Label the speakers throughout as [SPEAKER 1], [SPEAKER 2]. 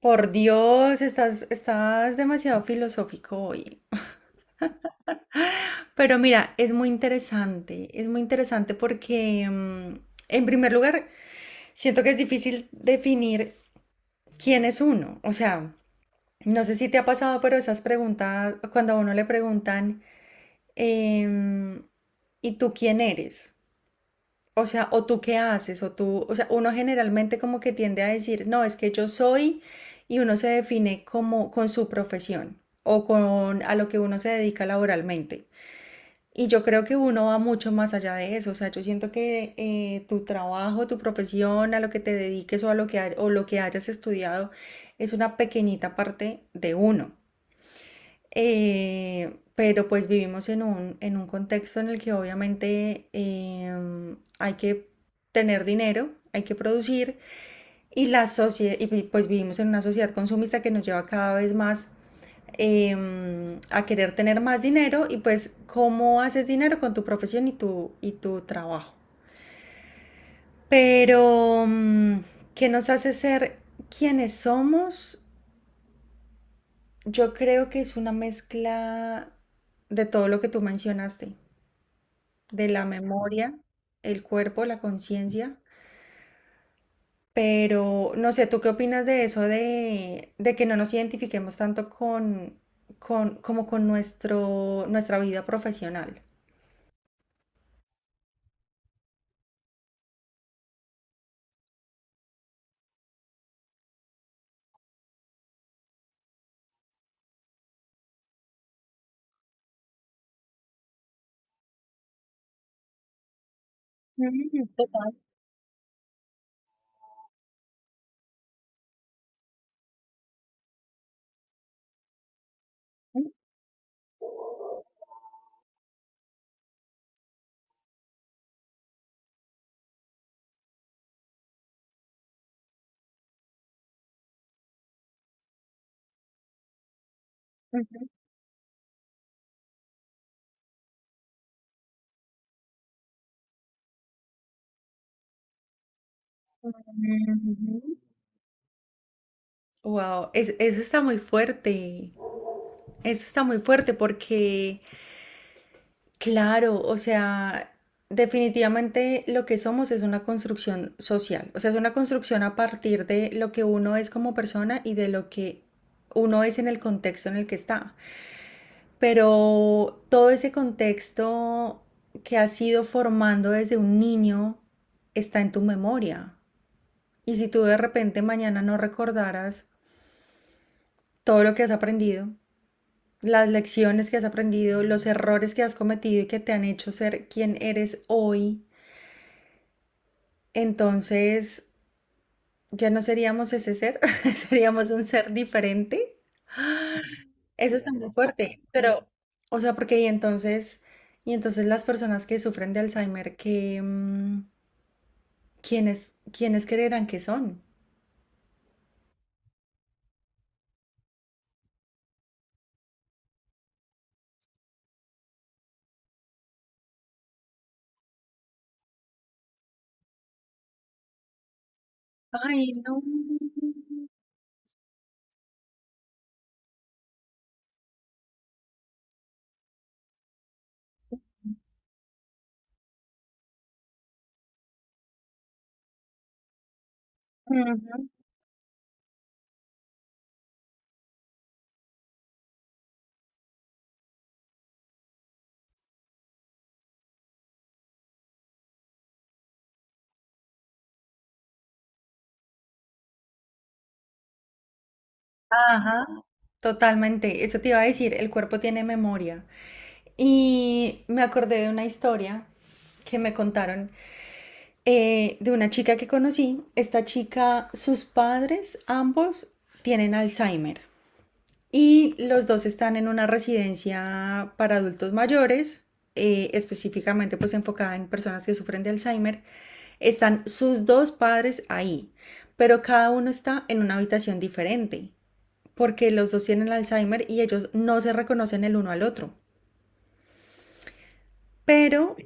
[SPEAKER 1] Por Dios, estás demasiado filosófico hoy. Pero mira, es muy interesante porque, en primer lugar, siento que es difícil definir quién es uno. O sea, no sé si te ha pasado, pero esas preguntas, cuando a uno le preguntan, em, ¿y tú quién eres? O sea, o tú qué haces, o tú, o sea, uno generalmente como que tiende a decir, no, es que yo soy, y uno se define como con su profesión o con a lo que uno se dedica laboralmente. Y yo creo que uno va mucho más allá de eso. O sea, yo siento que tu trabajo, tu profesión, a lo que te dediques o a lo que, o lo que hayas estudiado, es una pequeñita parte de uno. Pero pues vivimos en un contexto en el que obviamente hay que tener dinero, hay que producir y la sociedad, y pues vivimos en una sociedad consumista que nos lleva cada vez más a querer tener más dinero y pues cómo haces dinero con tu profesión y tu trabajo. Pero, ¿qué nos hace ser quienes somos? Yo creo que es una mezcla de todo lo que tú mencionaste, de la memoria, el cuerpo, la conciencia. Pero no sé, ¿tú qué opinas de eso de que no nos identifiquemos tanto con como con nuestro, nuestra vida profesional? Wow, eso está muy fuerte. Eso está muy fuerte porque, claro, o sea, definitivamente lo que somos es una construcción social. O sea, es una construcción a partir de lo que uno es como persona y de lo que uno es en el contexto en el que está. Pero todo ese contexto que has ido formando desde un niño está en tu memoria. Y si tú de repente mañana no recordaras todo lo que has aprendido, las lecciones que has aprendido, los errores que has cometido y que te han hecho ser quien eres hoy, entonces ya no seríamos ese ser, seríamos un ser diferente. Eso está muy fuerte, pero, o sea, porque y entonces, las personas que sufren de Alzheimer, que, ¿quiénes creerán que son? Ajá. Totalmente, eso te iba a decir, el cuerpo tiene memoria. Y me acordé de una historia que me contaron de una chica que conocí. Esta chica, sus padres, ambos tienen Alzheimer. Y los dos están en una residencia para adultos mayores, específicamente pues enfocada en personas que sufren de Alzheimer. Están sus dos padres ahí, pero cada uno está en una habitación diferente, porque los dos tienen Alzheimer y ellos no se reconocen el uno al otro. Pero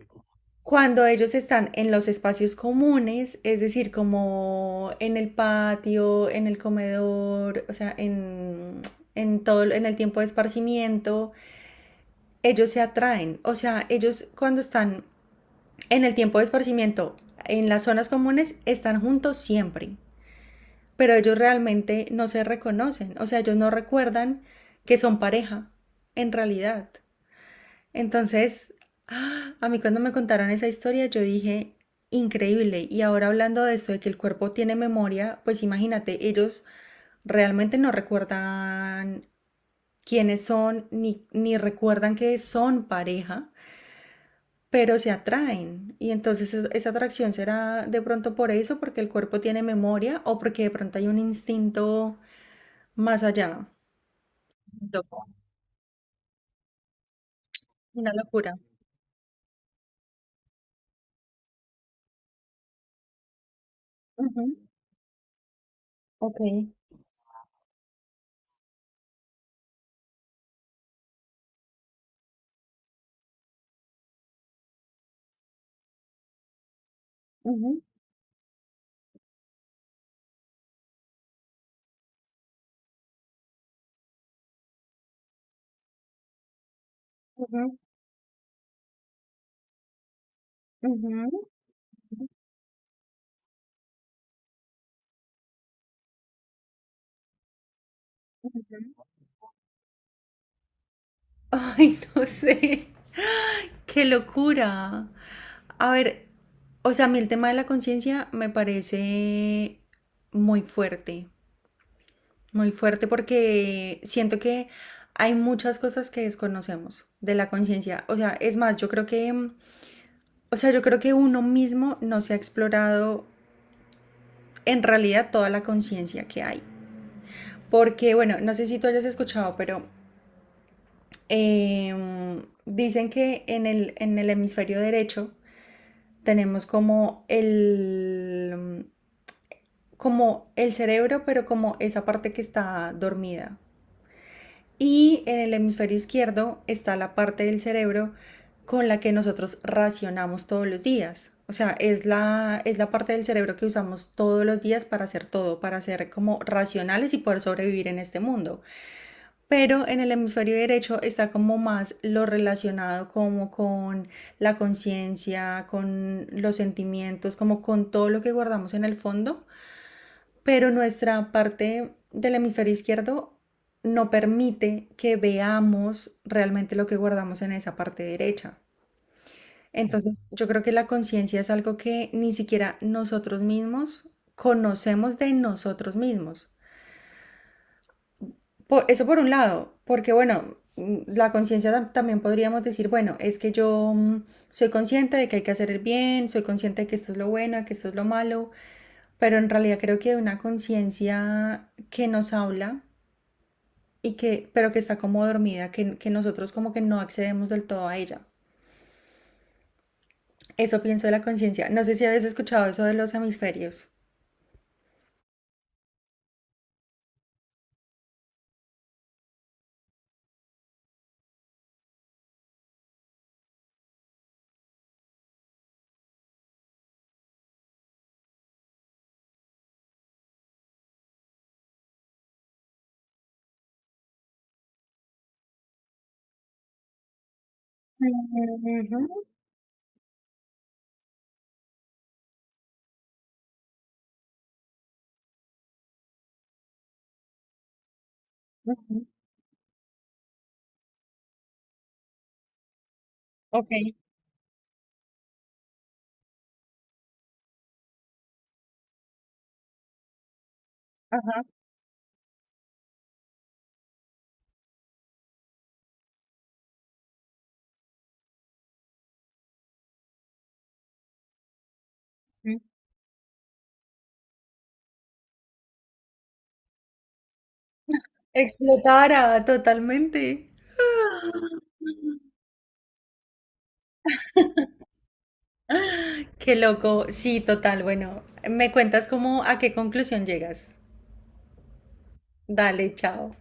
[SPEAKER 1] cuando ellos están en los espacios comunes, es decir, como en el patio, en el comedor, o sea, en todo en el tiempo de esparcimiento, ellos se atraen, o sea, ellos cuando están en el tiempo de esparcimiento, en las zonas comunes, están juntos siempre, pero ellos realmente no se reconocen, o sea, ellos no recuerdan que son pareja, en realidad. Entonces, ¡ah! A mí cuando me contaron esa historia, yo dije, increíble, y ahora hablando de esto, de que el cuerpo tiene memoria, pues imagínate, ellos realmente no recuerdan quiénes son, ni recuerdan que son pareja pero se atraen. Y entonces esa atracción será de pronto por eso, porque el cuerpo tiene memoria o porque de pronto hay un instinto más allá. Loco, una locura. Ujú, ujú, ujú, ujú. Ay, no sé, qué locura. A ver, o sea, a mí el tema de la conciencia me parece muy fuerte, muy fuerte porque siento que hay muchas cosas que desconocemos de la conciencia. O sea, es más, yo creo que o sea, yo creo que uno mismo no se ha explorado en realidad toda la conciencia que hay. Porque, bueno, no sé si tú hayas escuchado, pero eh, dicen que en el hemisferio derecho tenemos como el cerebro, pero como esa parte que está dormida. Y en el hemisferio izquierdo está la parte del cerebro con la que nosotros racionamos todos los días. O sea, es la parte del cerebro que usamos todos los días para hacer todo, para ser como racionales y poder sobrevivir en este mundo. Pero en el hemisferio derecho está como más lo relacionado como con la conciencia, con los sentimientos, como con todo lo que guardamos en el fondo, pero nuestra parte del hemisferio izquierdo no permite que veamos realmente lo que guardamos en esa parte derecha. Entonces, yo creo que la conciencia es algo que ni siquiera nosotros mismos conocemos de nosotros mismos. Eso por un lado, porque bueno, la conciencia también podríamos decir, bueno, es que yo, soy consciente de que hay que hacer el bien, soy consciente de que esto es lo bueno, de que esto es lo malo, pero en realidad creo que hay una conciencia que nos habla y que, pero que está como dormida, que nosotros como que no accedemos del todo a ella. Eso pienso de la conciencia. No sé si habéis escuchado eso de los hemisferios. Ujú, ujú, ajá, sí. Explotara totalmente. Qué loco. Sí, total. Bueno, me cuentas cómo, a qué conclusión llegas. Dale, chao.